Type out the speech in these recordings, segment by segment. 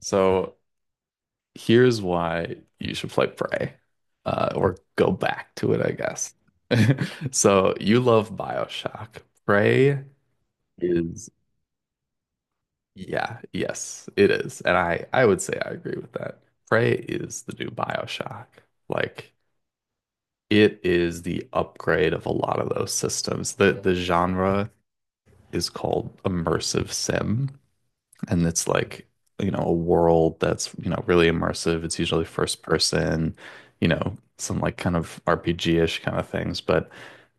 So here's why you should play Prey, or go back to it, I guess. So you love BioShock. Prey is, yeah, yes, it is. And I would say I agree with that. Prey is the new BioShock. Like it is the upgrade of a lot of those systems. The genre is called immersive sim. And it's like a world that's really immersive. It's usually first person, some like kind of RPG-ish kind of things. But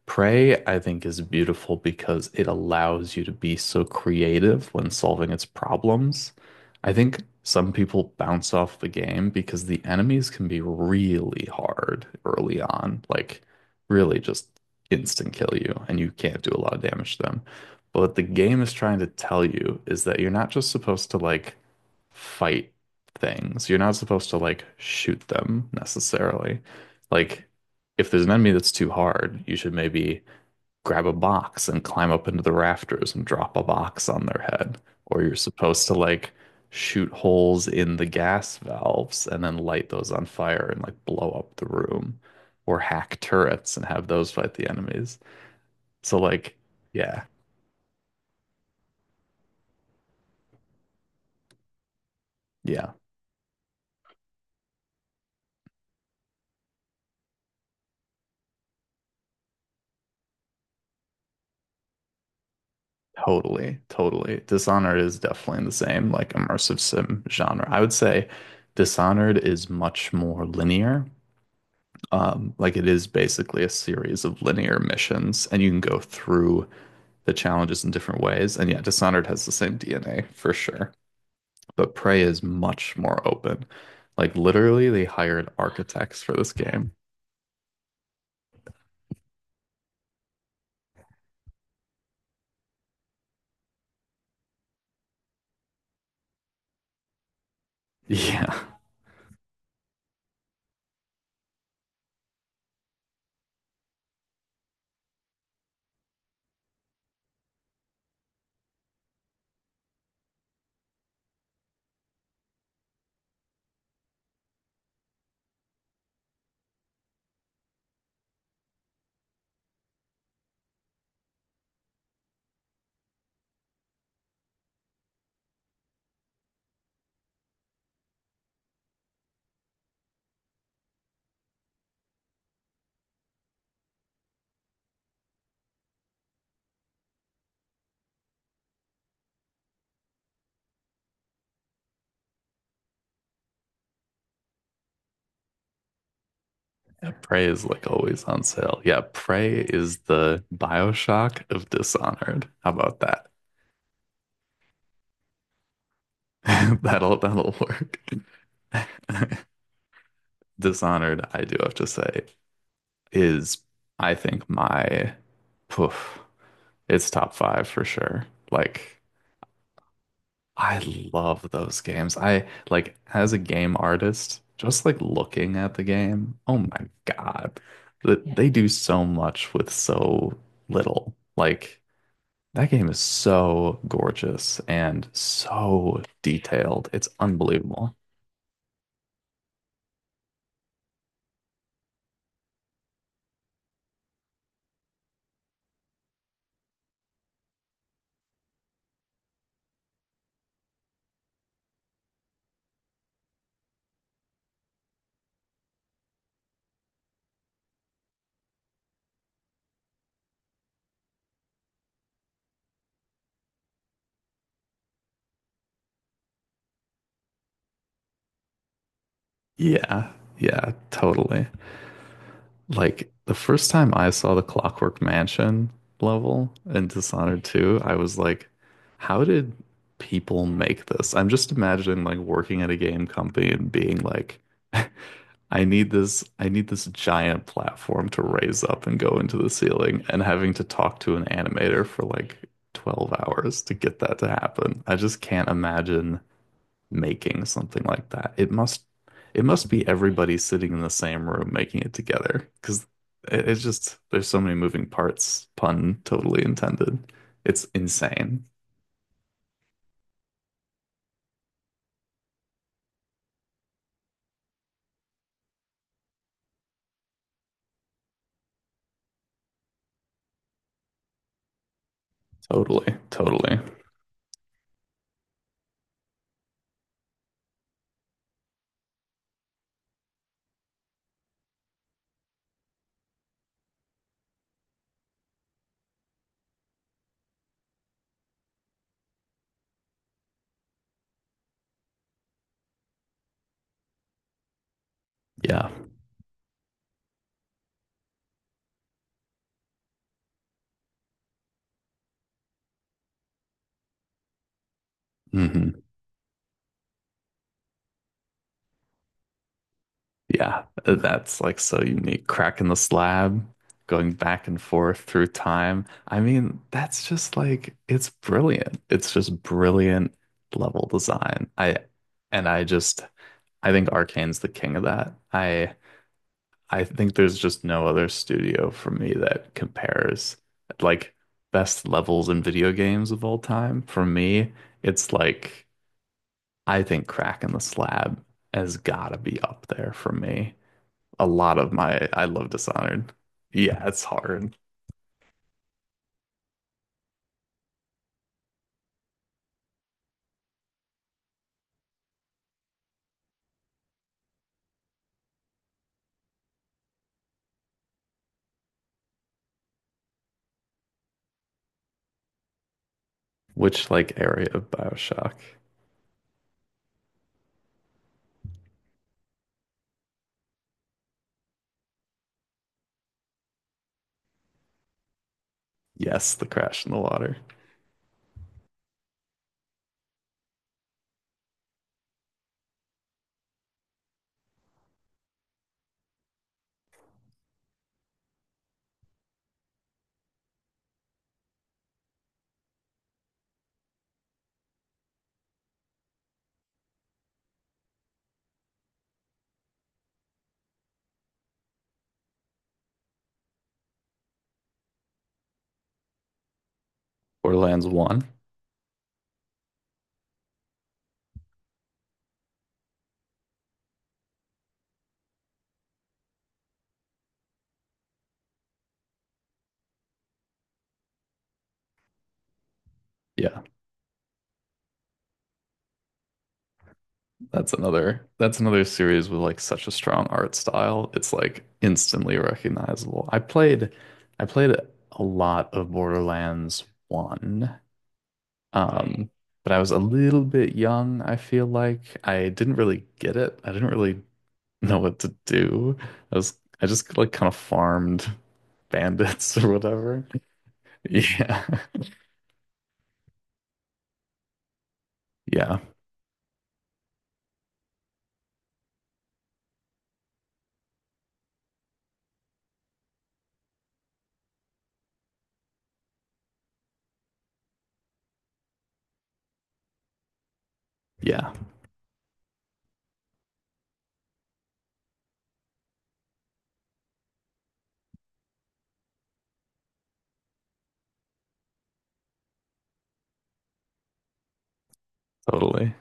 Prey, I think, is beautiful because it allows you to be so creative when solving its problems. I think some people bounce off the game because the enemies can be really hard early on, like really just instant kill you, and you can't do a lot of damage to them. But what the game is trying to tell you is that you're not just supposed to like fight things. You're not supposed to like shoot them necessarily. Like, if there's an enemy that's too hard, you should maybe grab a box and climb up into the rafters and drop a box on their head. Or you're supposed to like shoot holes in the gas valves and then light those on fire and like blow up the room. Or hack turrets and have those fight the enemies. So, like, yeah. Yeah. Totally, totally. Dishonored is definitely in the same like immersive sim genre. I would say Dishonored is much more linear. Like it is basically a series of linear missions, and you can go through the challenges in different ways. And yeah, Dishonored has the same DNA for sure. But Prey is much more open. Like literally, they hired architects for this game. Yeah. Prey is like always on sale. Yeah, Prey is the BioShock of Dishonored. How about that? That'll work. Dishonored, I do have to say, is I think my poof, it's top five for sure. Like I love those games. I like as a game artist, just like looking at the game, oh my God. Yeah. That Yeah, they do so much with so little. Like that game is so gorgeous and so detailed. It's unbelievable. Yeah, yeah, totally. Like the first time I saw the Clockwork Mansion level in Dishonored 2, I was like, how did people make this? I'm just imagining like working at a game company and being like, I need this giant platform to raise up and go into the ceiling, and having to talk to an animator for like 12 hours to get that to happen. I just can't imagine making something like that. It must be everybody sitting in the same room making it together, because it's just there's so many moving parts, pun totally intended. It's insane. Totally, totally. Yeah. Hmm. Yeah. That's like so unique. Cracking the slab, going back and forth through time. I mean, that's just like it's brilliant. It's just brilliant level design. I and I just I think Arcane's the king of that. I think there's just no other studio for me that compares, like best levels in video games of all time. For me, it's like I think Crack in the Slab has gotta be up there for me. A lot of my I love Dishonored. Yeah, it's hard. Which like area of BioShock? Yes, the crash in the water. Borderlands 1. Yeah. That's another series with like such a strong art style. It's like instantly recognizable. I played a lot of Borderlands 1. Mm. But I was a little bit young, I feel like. I didn't really get it. I didn't really know what to do. I just like kind of farmed bandits or whatever. Yeah. Yeah. Yeah. Totally.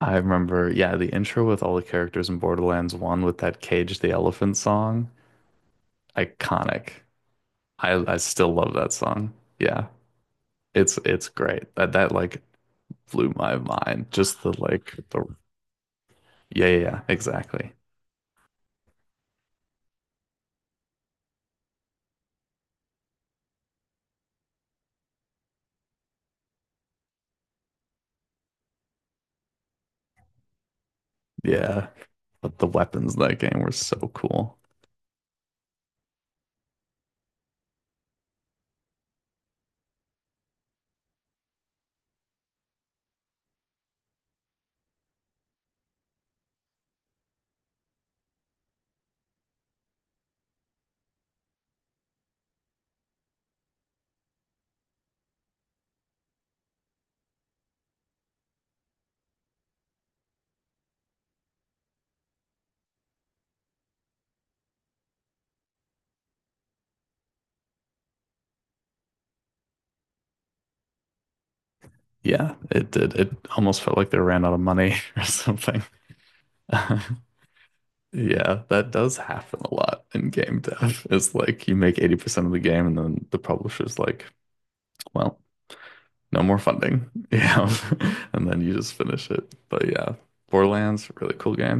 I remember, yeah, the intro with all the characters in Borderlands 1 with that Cage the Elephant song. Iconic. I still love that song. Yeah. It's great. That like blew my mind. Just the like the yeah, yeah, yeah, exactly. Yeah. But the weapons in that game were so cool. Yeah, it did. It almost felt like they ran out of money or something. Yeah, that does happen a lot in game dev. It's like you make 80% of the game and then the publisher's like, well, no more funding. Yeah. And then you just finish it. But yeah, Borderlands, really cool game.